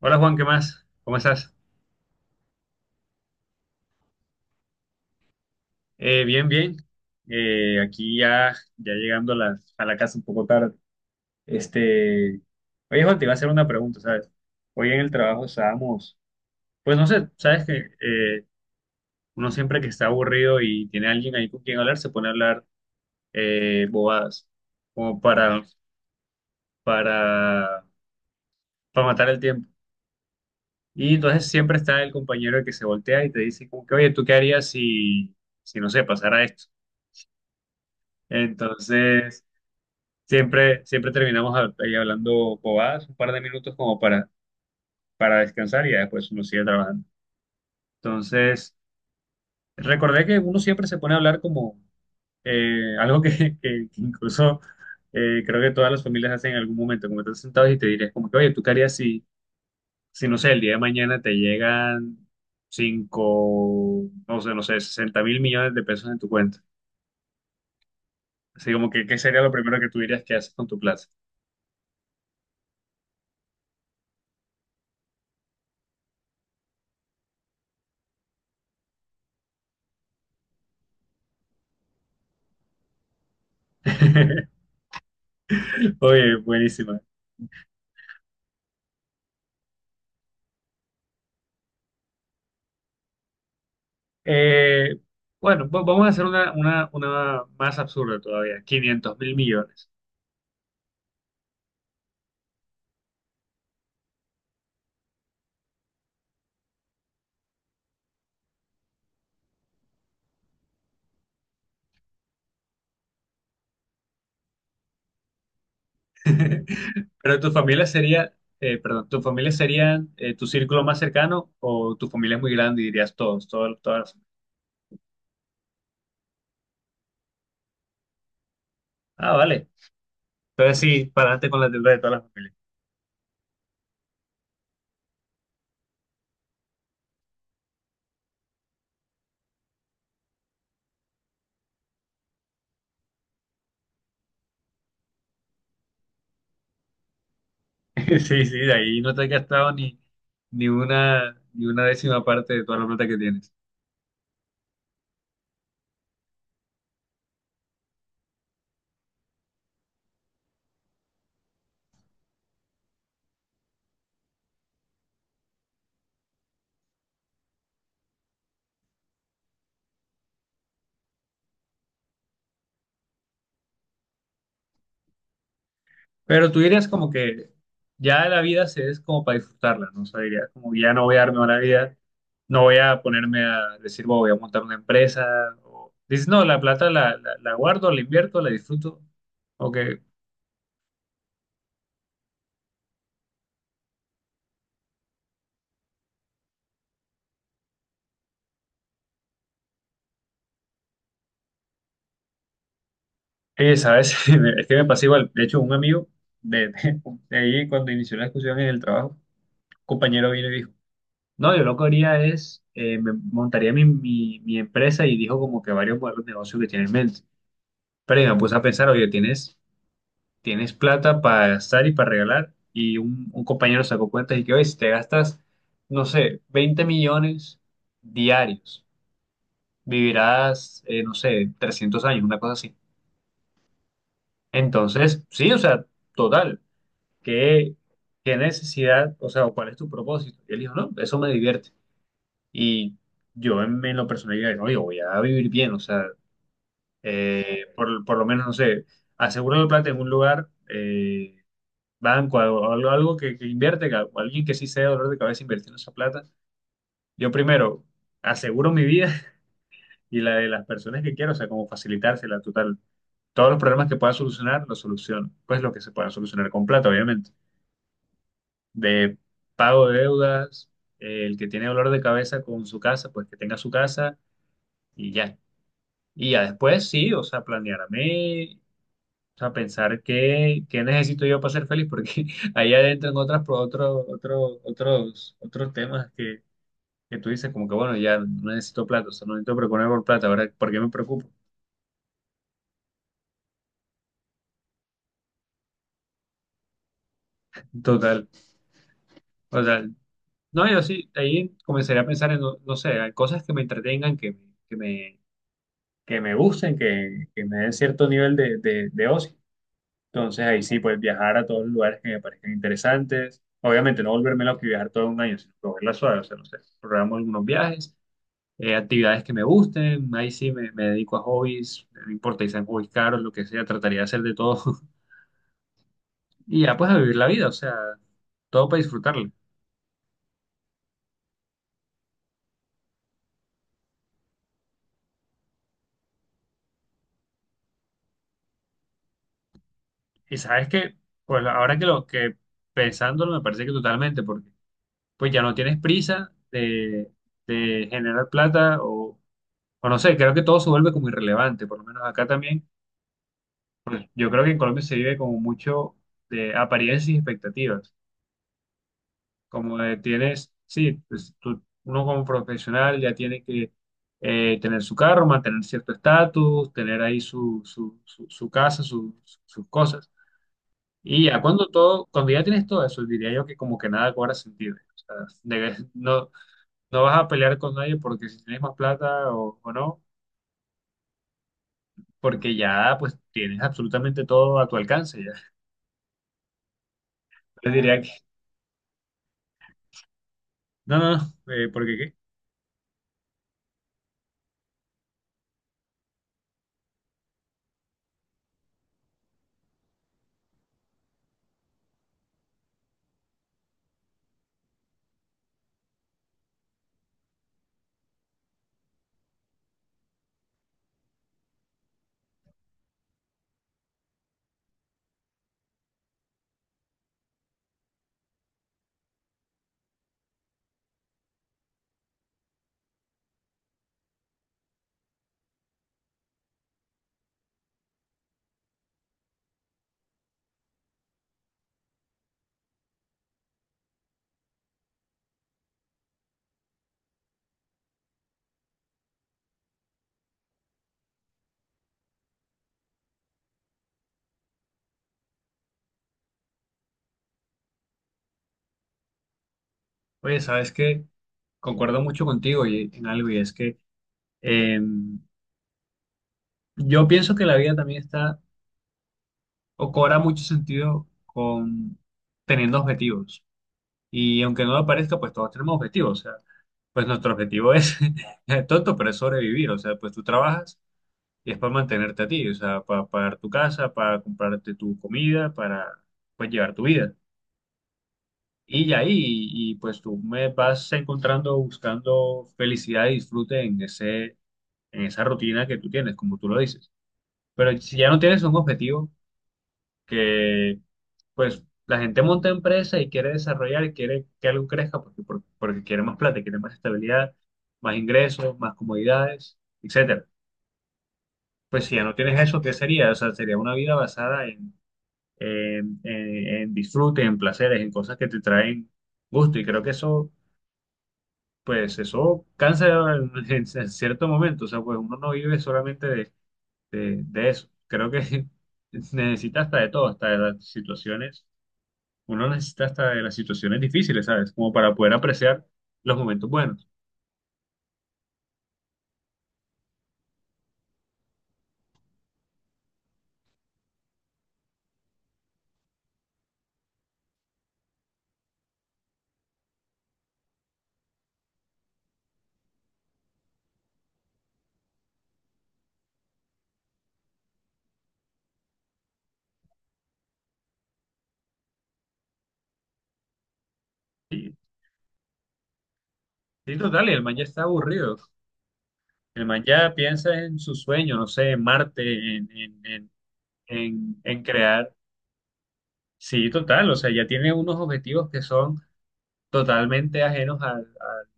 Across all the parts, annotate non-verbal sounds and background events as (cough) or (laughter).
Hola Juan, ¿qué más? ¿Cómo estás? Bien, bien. Aquí ya llegando a la casa un poco tarde. Este, oye Juan, te iba a hacer una pregunta, ¿sabes? Hoy en el trabajo estábamos, pues no sé, ¿sabes que uno siempre que está aburrido y tiene alguien ahí con quien hablar, se pone a hablar bobadas, como para, para matar el tiempo? Y entonces siempre está el compañero que se voltea y te dice como que, oye, ¿tú qué harías si no sé, pasara esto? Entonces, siempre terminamos ahí hablando bobadas un par de minutos como para descansar, y ya después uno sigue trabajando. Entonces, recordé que uno siempre se pone a hablar como algo que, (laughs) que incluso creo que todas las familias hacen en algún momento, como estás sentados y te dirías como que, oye, ¿tú qué harías si, no sé, el día de mañana te llegan cinco, no sé, 60.000.000.000 de pesos en tu cuenta? Así como que, ¿qué sería lo primero que tú dirías que haces con tu plata? (laughs) Oye, buenísimo. Eh, bueno, vamos a hacer una más absurda todavía, 500.000.000.000. (laughs) Pero tu familia sería, perdón, tu familia sería tu círculo más cercano, o tu familia es muy grande y dirías todos, todos, todas. Ah, vale. Entonces sí, para adelante con la deuda de todas las familias. (laughs) Sí, sí, de ahí no te has gastado ni una décima parte de toda la plata que tienes. Pero tú dirías como que ya la vida se es como para disfrutarla, ¿no? O sea, dirías como que ya no voy a darme la vida, no voy a ponerme a decir: "Bueno, voy a montar una empresa". O, dices, no, la plata la guardo, la invierto, la disfruto. O que, ¿sabes? (laughs) Es que me pasó igual. De hecho, un amigo de, de, de ahí, cuando inició la discusión en el trabajo, un compañero vino y dijo, no, yo lo que haría es, me montaría mi empresa, y dijo como que varios modelos de negocio que tiene en mente. Pero yo me puse a pensar, oye, tienes plata para gastar y para regalar, y un compañero sacó cuentas y que, oye, si te gastas, no sé, 20 millones diarios, vivirás, no sé, 300 años, una cosa así. Entonces, sí, o sea, total, ¿qué, qué necesidad, o sea, o cuál es tu propósito? Y él dijo, no, eso me divierte. Y yo en lo personal, dije, no yo, voy a vivir bien, o sea, por lo menos, no sé, aseguro la plata en un lugar. Banco o algo, algo que invierte, alguien que sí sea dolor de cabeza invirtiendo esa plata, yo primero aseguro mi vida (laughs) y la de las personas que quiero, o sea, como facilitársela total. Todos los problemas que pueda solucionar, los soluciono. Pues lo que se pueda solucionar con plata, obviamente. De pago de deudas, el que tiene dolor de cabeza con su casa, pues que tenga su casa y ya. Y ya después sí, o sea, planearme. O sea, pensar qué, qué necesito yo para ser feliz, porque (laughs) ahí adentro en otras, otros temas que tú dices, como que bueno, ya no necesito plata, o sea, no necesito preocuparme por plata, ¿verdad? ¿Por qué me preocupo? Total. O sea, no, yo sí, ahí comenzaría a pensar en, no, no sé, en cosas que me entretengan, que, que me, que me gusten, que me den cierto nivel de ocio. Entonces ahí sí, pues viajar a todos los lugares que me parezcan interesantes. Obviamente no volverme loco y viajar todo un año, sino cogerla suave, o sea, no sé, programo algunos viajes, actividades que me gusten, ahí sí me dedico a hobbies, no importa si sean hobbies caros, lo que sea, trataría de hacer de todo (laughs) y ya pues a vivir la vida, o sea, todo para disfrutarla. Y sabes que, pues ahora que lo que pensándolo me parece que totalmente, porque pues ya no tienes prisa de generar plata o no sé, creo que todo se vuelve como irrelevante, por lo menos acá también, pues yo creo que en Colombia se vive como mucho de apariencias y expectativas. Como tienes, sí, pues uno como profesional ya tiene que tener su carro, mantener cierto estatus, tener ahí su casa, sus cosas. Y ya cuando todo, cuando ya tienes todo eso, diría yo que como que nada cobra sentido. O sea, no, no vas a pelear con nadie porque si tienes más plata o no, porque ya pues tienes absolutamente todo a tu alcance ya. Yo diría que, no, porque qué. Oye, ¿sabes qué? Concuerdo mucho contigo y en algo, y es que Eh, yo pienso que la vida también está o cobra mucho sentido con teniendo objetivos. Y aunque no lo parezca, pues todos tenemos objetivos. O sea, pues nuestro objetivo es, (laughs) es tonto, pero es sobrevivir. O sea, pues tú trabajas y es para mantenerte a ti. O sea, para pagar tu casa, para comprarte tu comida, para pues llevar tu vida. Y ya ahí, pues tú me vas encontrando buscando felicidad y disfrute en en esa rutina que tú tienes, como tú lo dices. Pero si ya no tienes un objetivo, que pues la gente monta empresa y quiere desarrollar y quiere que algo crezca porque quiere más plata, quiere más estabilidad, más ingresos, más comodidades, etcétera. Pues si ya no tienes eso, ¿qué sería? O sea, sería una vida basada en disfrute, en placeres, en cosas que te traen gusto, y creo que eso, pues eso cansa (laughs) en cierto momento, o sea, pues uno no vive solamente de eso, creo que (laughs) necesita hasta de todo, hasta de las situaciones. Uno necesita hasta de las situaciones difíciles, ¿sabes? Como para poder apreciar los momentos buenos. Sí, sí, total, y el man ya está aburrido. El man ya piensa en su sueño, no sé, en Marte, en, en, en, en crear. Sí, total, o sea, ya tiene unos objetivos que son totalmente ajenos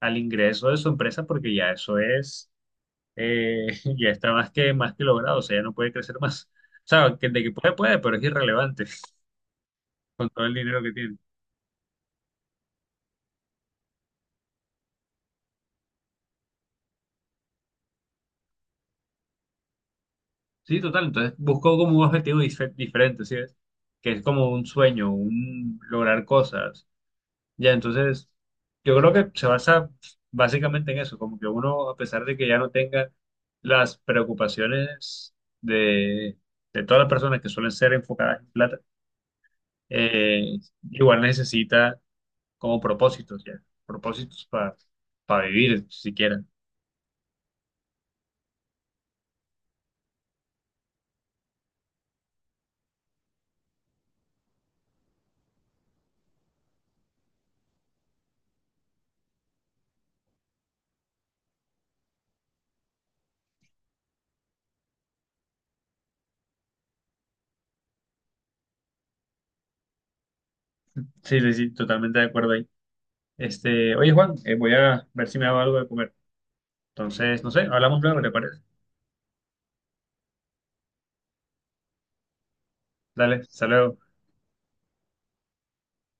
al ingreso de su empresa, porque ya eso es, eh, (laughs) ya está más que logrado, o sea, ya no puede crecer más. O sea, de que puede, puede, pero es irrelevante (laughs) con todo el dinero que tiene. Sí, total. Entonces busco como un objetivo diferente, ¿sí ves? Que es como un sueño, un lograr cosas. Ya, entonces yo creo que se basa básicamente en eso, como que uno, a pesar de que ya no tenga las preocupaciones de, de todas las personas que suelen ser enfocadas en plata, eh, igual necesita como propósitos, ya, propósitos para vivir siquiera. Sí, sí, sí, totalmente de acuerdo ahí. Oye Juan, voy a ver si me hago algo de comer. Entonces, no sé, hablamos luego, ¿le parece? Dale, saludos.